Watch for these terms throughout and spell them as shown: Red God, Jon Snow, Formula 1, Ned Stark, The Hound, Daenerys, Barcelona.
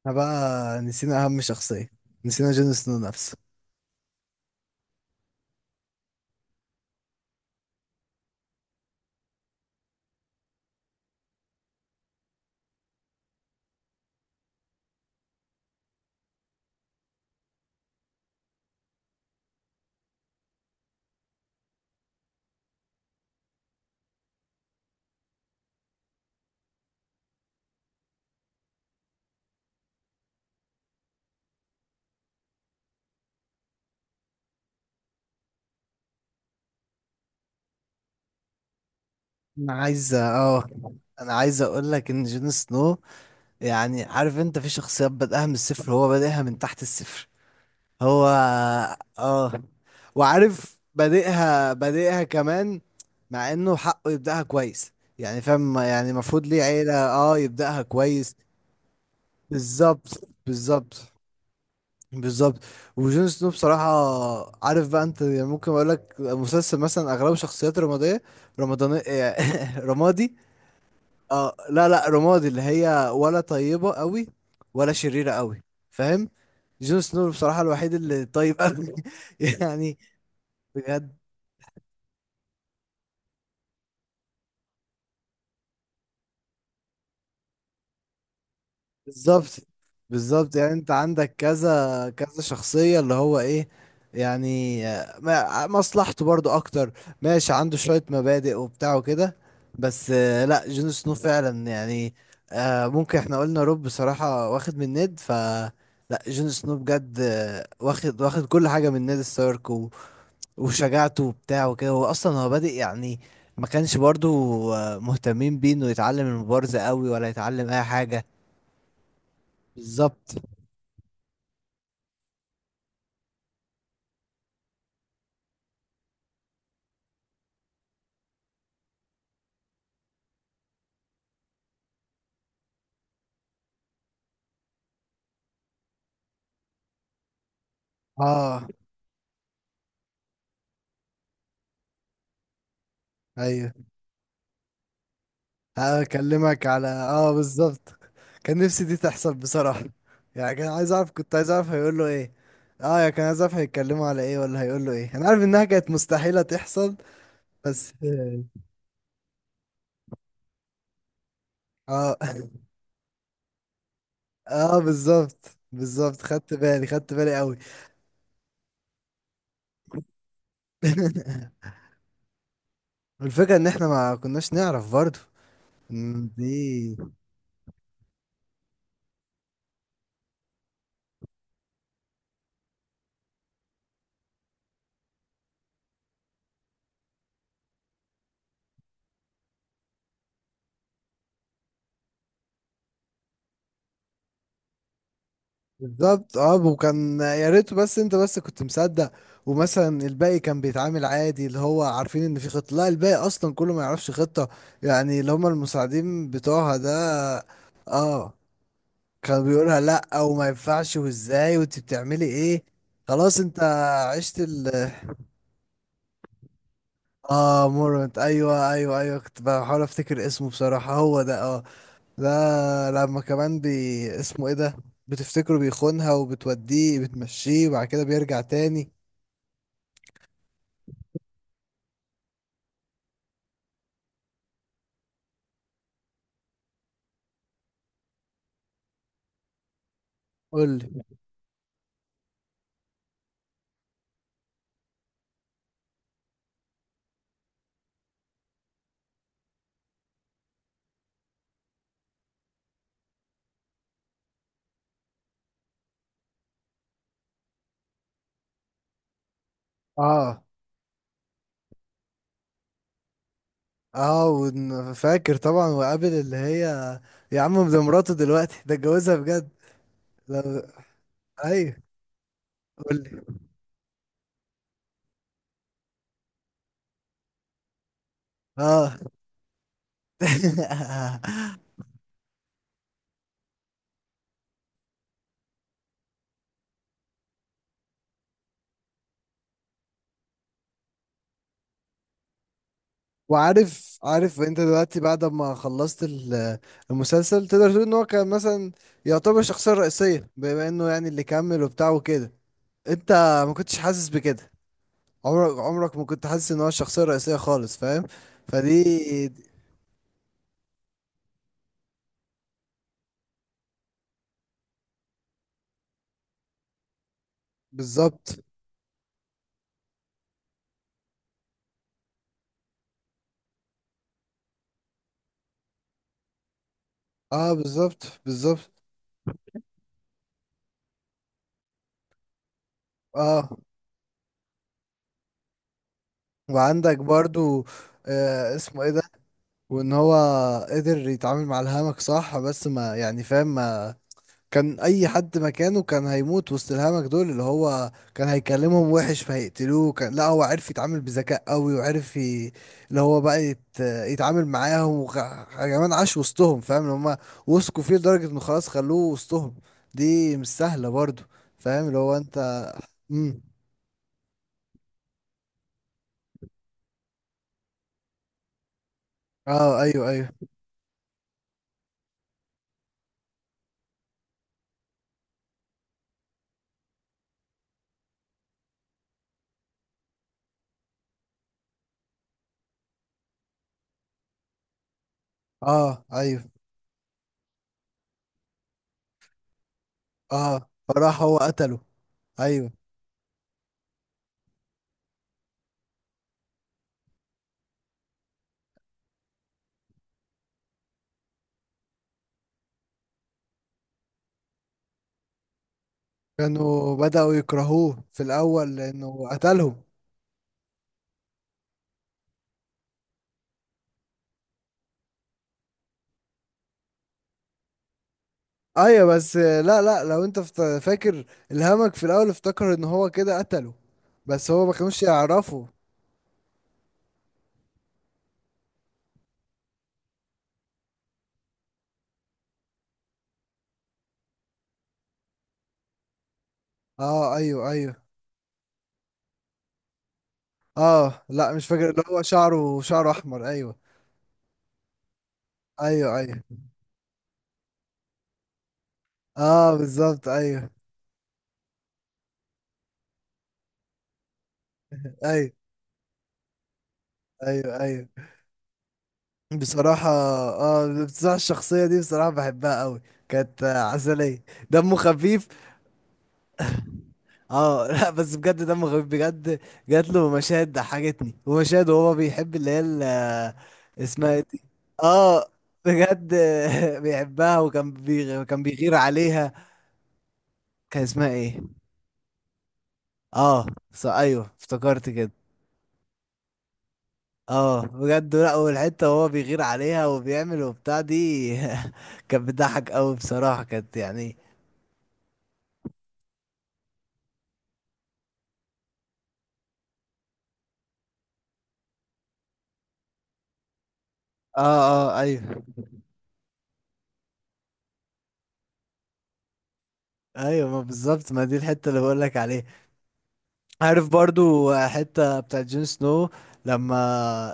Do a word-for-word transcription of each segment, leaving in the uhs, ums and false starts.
احنا بقى نسينا اهم شخصية. نسينا جون سنو نفسه. انا عايز اه انا عايز اقول لك ان جون سنو، يعني عارف انت، في شخصيات بدأها من الصفر، هو بادئها من تحت الصفر. هو اه وعارف، بادئها بادئها كمان، مع انه حقه يبدأها كويس. يعني فاهم، يعني المفروض ليه عيلة، اه يبدأها كويس. بالظبط، بالظبط، بالظبط. وجون سنو بصراحة، عارف بقى انت، يعني ممكن اقول لك مسلسل مثلا اغلبه شخصيات رمادية، رمضانية رمادي. اه، لا لا، رمادي، اللي هي ولا طيبة قوي ولا شريرة قوي، فاهم. جون سنو بصراحة الوحيد اللي طيب قوي. يعني بجد. بالظبط، بالظبط. يعني انت عندك كذا كذا شخصية اللي هو ايه، يعني آه، ما- مصلحته برضو اكتر. ماشي، عنده شوية مبادئ وبتاع وكده، بس آه، لا، جون سنو فعلا يعني. آه، ممكن احنا قلنا روب بصراحة واخد من نيد ف لا، جون سنو بجد آه، واخد واخد كل حاجة من نيد ستارك و- وشجاعته وبتاع وكده، هو اصلا هو بادئ يعني، ما كانش برضو آه، مهتمين بيه انه يتعلم المبارزة قوي ولا يتعلم اي حاجة. بالظبط. اه ايوه، هكلمك على اه بالظبط. كان نفسي دي تحصل بصراحة. يعني كان عايز اعرف كنت عايز اعرف هيقول له ايه. اه، يا كان عايز اعرف هيتكلموا على ايه ولا هيقول له ايه. انا عارف انها كانت مستحيلة تحصل. بس. اه اه، بالظبط، بالظبط، خدت بالي، خدت بالي قوي. والفكرة ان احنا ما كناش نعرف برضه. إن دي بالظبط. اه، وكان يا ريت، بس انت بس كنت مصدق. ومثلا الباقي كان بيتعامل عادي، اللي هو عارفين ان في خطة، لا الباقي اصلا كله ما يعرفش خطة. يعني اللي هم المساعدين بتوعها ده. اه، كان بيقولها لا او ما ينفعش، وازاي، وانت بتعملي ايه؟ خلاص. انت عشت ال اه مورنت. ايوه ايوه ايوه، كنت بحاول افتكر اسمه بصراحة، هو ده اه لا، لما كمان بي اسمه ايه ده؟ بتفتكره بيخونها وبتوديه بتمشيه وبعد كده بيرجع تاني. قولي. اه اه، ون- فاكر طبعا، وقابل اللي هي، يا عم ده مراته دلوقتي، ده اتجوزها بجد. لو... ايوه، قولي. اه. وعارف، عارف انت دلوقتي بعد ما خلصت ال- المسلسل، تقدر تقول ان هو كان مثلا يعتبر الشخصية الرئيسية، بما انه يعني اللي كمل وبتاع وكده. انت ما كنتش حاسس بكده؟ عمرك، عمرك ما كنت حاسس ان هو الشخصيه الرئيسيه خالص، فاهم؟ فدي بالظبط. اه، بالظبط، بالظبط. اه، وعندك برضو آه اسمه ايه ده، وان هو قدر يتعامل مع الهمك صح. بس ما يعني، فاهم، ما كان اي حد مكانه كان هيموت وسط الهمج دول. اللي هو كان هيكلمهم وحش فهيقتلوه. كان، لا، هو عرف يتعامل بذكاء قوي، وعرف ي... اللي هو بقى يت... يتعامل معاهم وخ... كمان عاش وسطهم، فاهم، اللي هم وثقوا فيه لدرجة انه خلاص خلوه وسطهم. دي مش سهلة برضو. فاهم اللي هو انت امم اه ايوه ايوه. اه ايوه. اه، فراح هو قتله. ايوه، كانوا بدأوا يكرهوه في الاول لانه قتلهم. ايوه، بس لا لا، لو انت فت- فاكر، الهمك في الاول افتكر ان هو كده قتله، بس هو ما كانوش يعرفوا. اه ايوه ايوه. اه، لا مش فاكر، اللي هو شعره شعره احمر، ايوه ايوه ايوه. اه بالظبط، ايوه ايوه ايوه ايوه. بصراحة، اه بصراحة الشخصية دي بصراحة بحبها قوي. كانت آه، عسلية، دمه خفيف. اه. لا بس بجد دمه خفيف بجد. جات له مشاهد ضحكتني، ومشاهد وهو بيحب اللي هي ال- اسمها ايه دي؟ اه بجد. بيحبها، وكان بيغ... كان بيغير عليها. كان اسمها ايه؟ اه، ص... ايوه افتكرت كده. اه بجد، لا، والحته وهو بيغير عليها وبيعمل وبتاع دي. كانت بتضحك قوي بصراحه، كانت يعني. اه اه ايوه ايوه، ما بالظبط، ما دي الحته اللي بقول لك عليها. عارف برضو حتة بتاعت جون سنو لما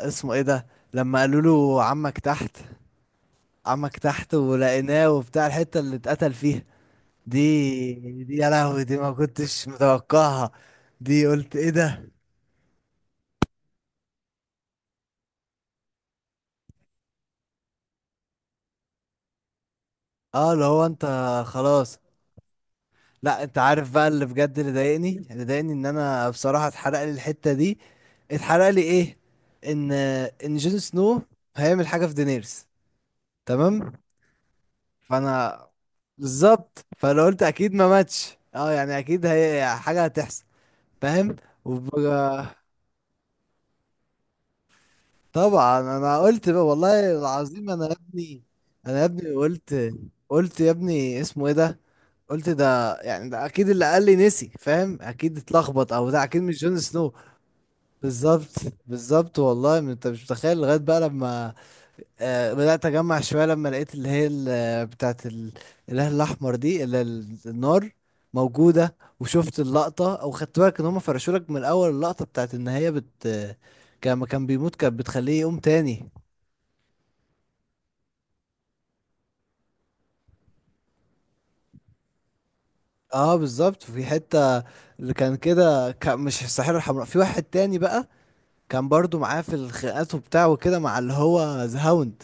اسمه ايه ده، لما قالوا له عمك تحت. عمك تحت ولقيناه وبتاع، الحتة اللي اتقتل فيها دي. دي، يا لهوي، دي ما كنتش متوقعها. دي قلت ايه ده. اه، اللي هو انت خلاص. لا، انت عارف بقى، اللي بجد اللي ضايقني، اللي ضايقني ان انا بصراحة اتحرق لي الحتة دي. اتحرق لي ايه؟ ان ان جون سنو هيعمل حاجة في دينيرس، تمام؟ فانا بالظبط، فانا قلت اكيد ما ماتش، اه، يعني اكيد هي حاجه هتحصل، فاهم؟ وب- طبعا انا قلت بقى والله العظيم، انا يا ابني، انا يا ابني قلت. قلت يا ابني اسمه ايه ده. قلت ده، يعني ده اكيد اللي قال لي نسي، فاهم، اكيد اتلخبط، او ده اكيد مش جون سنو. بالظبط، بالظبط، والله ما انت مش متخيل لغايه بقى لما آه، بدأت أجمع شوية. لما لقيت اللي هي ال- بتاعة ال- الإله الأحمر دي، اللي ال- النار موجودة، وشفت اللقطة، أو خدت بالك إن هما فرشولك من أول اللقطة بتاعة إن هي بت كان كان بيموت، كانت بتخليه يقوم تاني. اه بالظبط، في حتة اللي كان كده، كان مش الساحرة الحمراء، في واحد تاني بقى كان برضو معاه في الخناقات وبتاع وكده مع اللي هو ذا هاوند،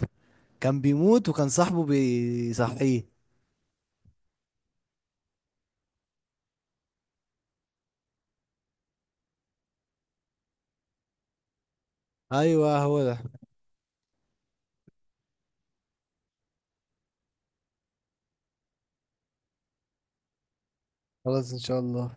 كان بيموت وكان صاحبه بيصحيه. ايوه هو ده. خلاص، ان شاء الله.